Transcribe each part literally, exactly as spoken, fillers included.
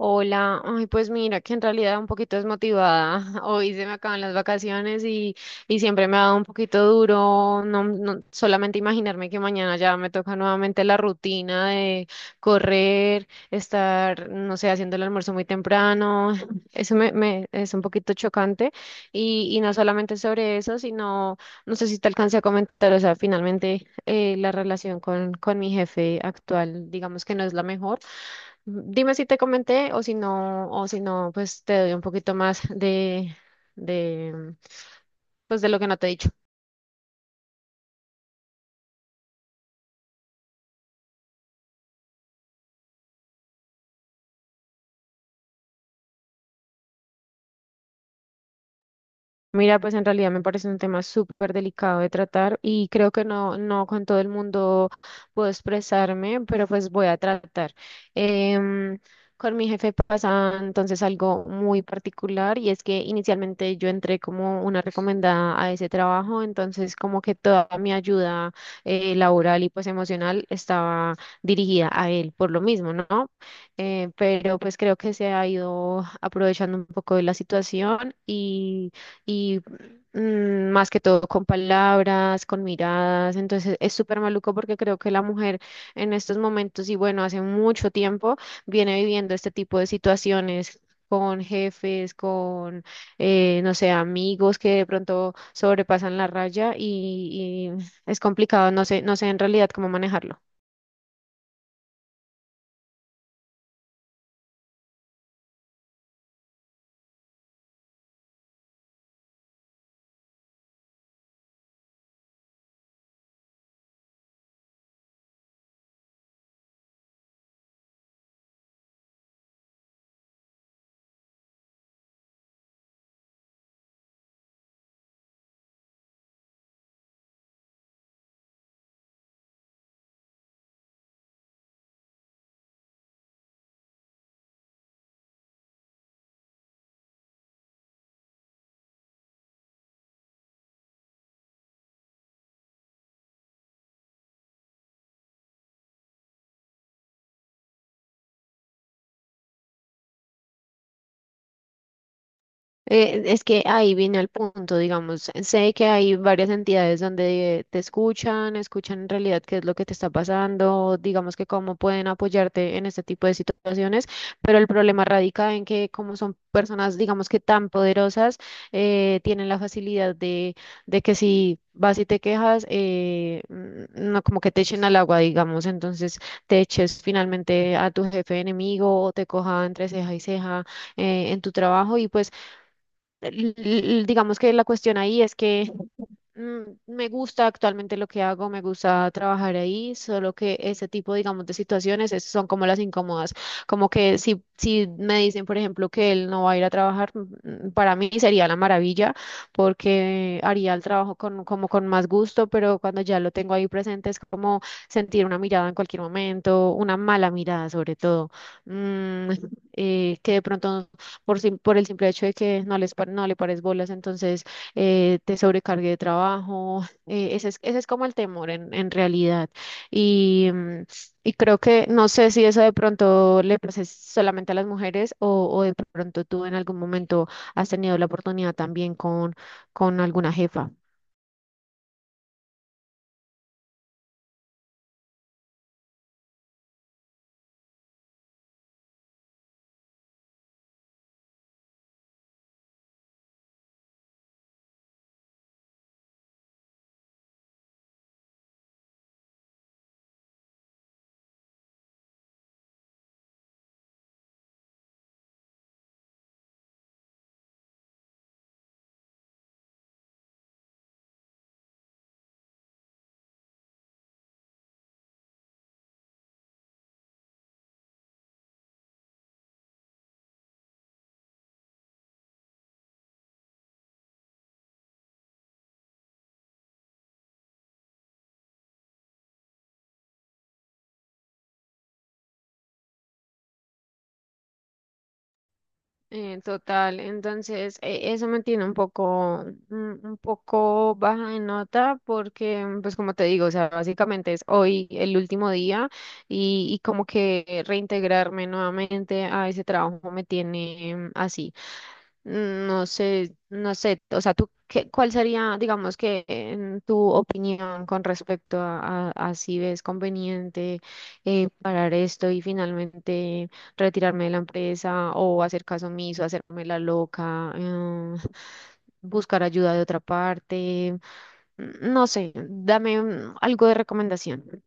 Hola, ay, pues mira que en realidad un poquito desmotivada. Hoy se me acaban las vacaciones y, y siempre me ha dado un poquito duro. No, no- solamente imaginarme que mañana ya me toca nuevamente la rutina de correr, estar, no sé, haciendo el almuerzo muy temprano. Eso me, me es un poquito chocante. Y, y no solamente sobre eso, sino, no sé si te alcancé a comentar, o sea, finalmente eh, la relación con, con mi jefe actual, digamos que no es la mejor. Dime si te comenté o si no, o si no, pues te doy un poquito más de, de, pues de lo que no te he dicho. Mira, pues en realidad me parece un tema súper delicado de tratar y creo que no, no con todo el mundo puedo expresarme, pero pues voy a tratar. Em, con mi jefe pasa entonces algo muy particular y es que inicialmente yo entré como una recomendada a ese trabajo, entonces como que toda mi ayuda eh, laboral y pues emocional estaba dirigida a él por lo mismo, ¿no? Eh, pero pues creo que se ha ido aprovechando un poco de la situación y y mm, más que todo con palabras, con miradas. Entonces es súper maluco porque creo que la mujer en estos momentos y bueno, hace mucho tiempo viene viviendo este tipo de situaciones, con jefes, con, eh, no sé, amigos que de pronto sobrepasan la raya y, y es complicado, no sé, no sé en realidad cómo manejarlo. Eh, es que ahí viene el punto, digamos, sé que hay varias entidades donde te escuchan, escuchan en realidad qué es lo que te está pasando, digamos que cómo pueden apoyarte en este tipo de situaciones, pero el problema radica en que como son personas, digamos que tan poderosas, eh, tienen la facilidad de, de que si vas y te quejas, eh, n- no como que te echen al agua, digamos, entonces te eches finalmente a tu jefe enemigo o te coja entre ceja y ceja eh, en tu trabajo y pues l- l- digamos que la cuestión ahí es que mm, me gusta actualmente lo que hago, me gusta trabajar ahí, solo que ese tipo, digamos, de situaciones es- son como las incómodas. Como que si, si me dicen, por ejemplo, que él no va a ir a trabajar, mm, mm, para mí sería la maravilla, porque haría el trabajo con, como con más gusto, pero cuando ya lo tengo ahí presente es como sentir una mirada en cualquier momento, una mala mirada sobre todo, mm, eh, que de pronto por, sim- por el simple hecho de que no les, pa- no le pares bolas, entonces eh, te sobrecargue de trabajo. Eh, ese es, ese es como el temor en, en realidad. Y, mm, y creo que no sé si eso de pronto le pasa solamente a las mujeres o, o de pronto tú en algún momento has tenido la oportunidad también con, con alguna jefa. Eh, total, entonces e- eso me tiene un poco, un un poco baja de nota porque, mm, pues como te digo, o sea, básicamente es hoy el último día y, y como que reintegrarme nuevamente a ese trabajo me tiene mm, así. Mm, No sé, no sé, o sea, tú, qué, ¿cuál sería, digamos que, en tu opinión con respecto a, a- a si ves conveniente eh, parar esto y finalmente retirarme de la empresa o hacer caso omiso, hacerme la loca, eh, buscar ayuda de otra parte? Mm, No sé, dame mm, algo de recomendación.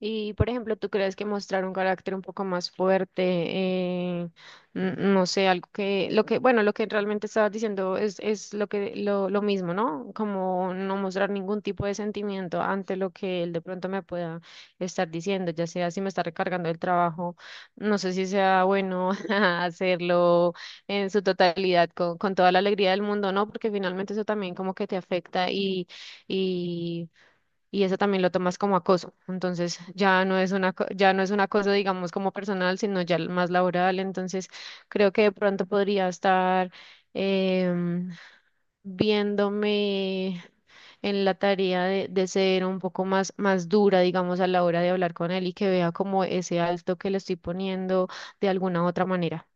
Y, por ejemplo, ¿tú crees que mostrar un carácter un poco más fuerte, eh, n- no sé, algo que, lo que, bueno, lo que realmente estabas diciendo es, es lo que, lo, lo mismo, ¿no? Como no mostrar ningún tipo de sentimiento ante lo que él de pronto me pueda estar diciendo, ya sea si me está recargando el trabajo, no sé si sea bueno hacerlo en su totalidad con, con toda la alegría del mundo, ¿no? Porque finalmente eso también como que te afecta y, y y eso también lo tomas como acoso. Entonces ya no es una, ya no es un acoso, digamos, como personal, sino ya l- más laboral. Entonces creo que de pronto podría estar em, viéndome en la tarea de, de ser un poco más, más dura, digamos, a la hora de hablar con él y que vea como ese alto que le estoy poniendo de alguna otra manera.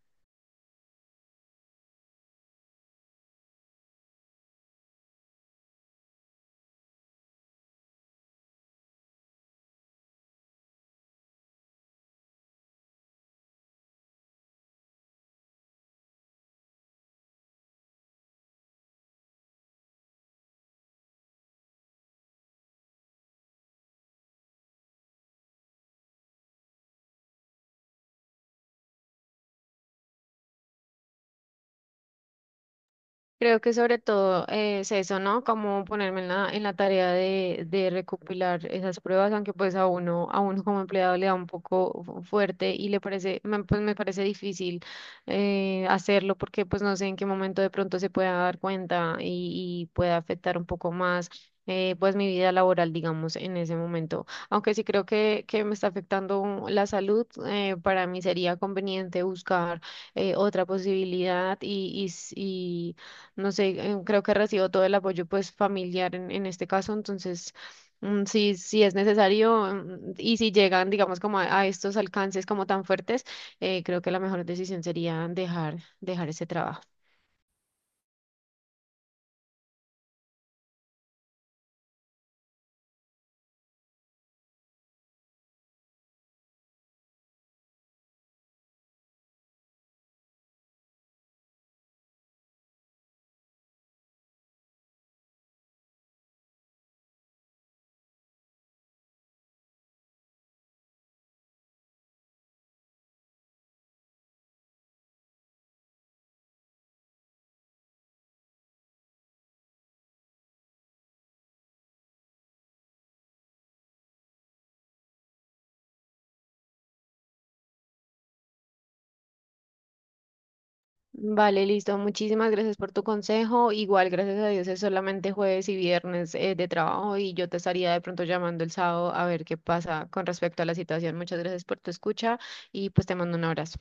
Creo que sobre todo eh, es eso, ¿no? Como ponerme en la, en la tarea de, de recopilar esas pruebas, aunque pues a uno, a uno como empleado le da un poco fu- fuerte y le parece, me, pues me parece difícil eh, hacerlo porque pues no sé en qué momento de pronto se pueda dar cuenta y, y pueda afectar un poco más eh, pues mi vida laboral, digamos, en ese momento. Aunque sí creo que, que me está afectando un- la salud, eh, para mí sería conveniente buscar eh, otra posibilidad y y s- y no sé, eh, creo que recibo todo el apoyo pues familiar en, en este caso, entonces mm, sí, sí es necesario mm, y si llegan, digamos, como a, a estos alcances como tan fuertes, eh, creo que la mejor decisión sería dejar, dejar ese trabajo. Vale, listo. Muchísimas gracias por tu consejo. Igual, gracias a Dios, es solamente jueves y viernes eh, de trabajo y yo te estaría de pronto llamando el sábado a ver qué pasa con respecto a la situación. Muchas gracias por tu escucha y pues te mando un abrazo.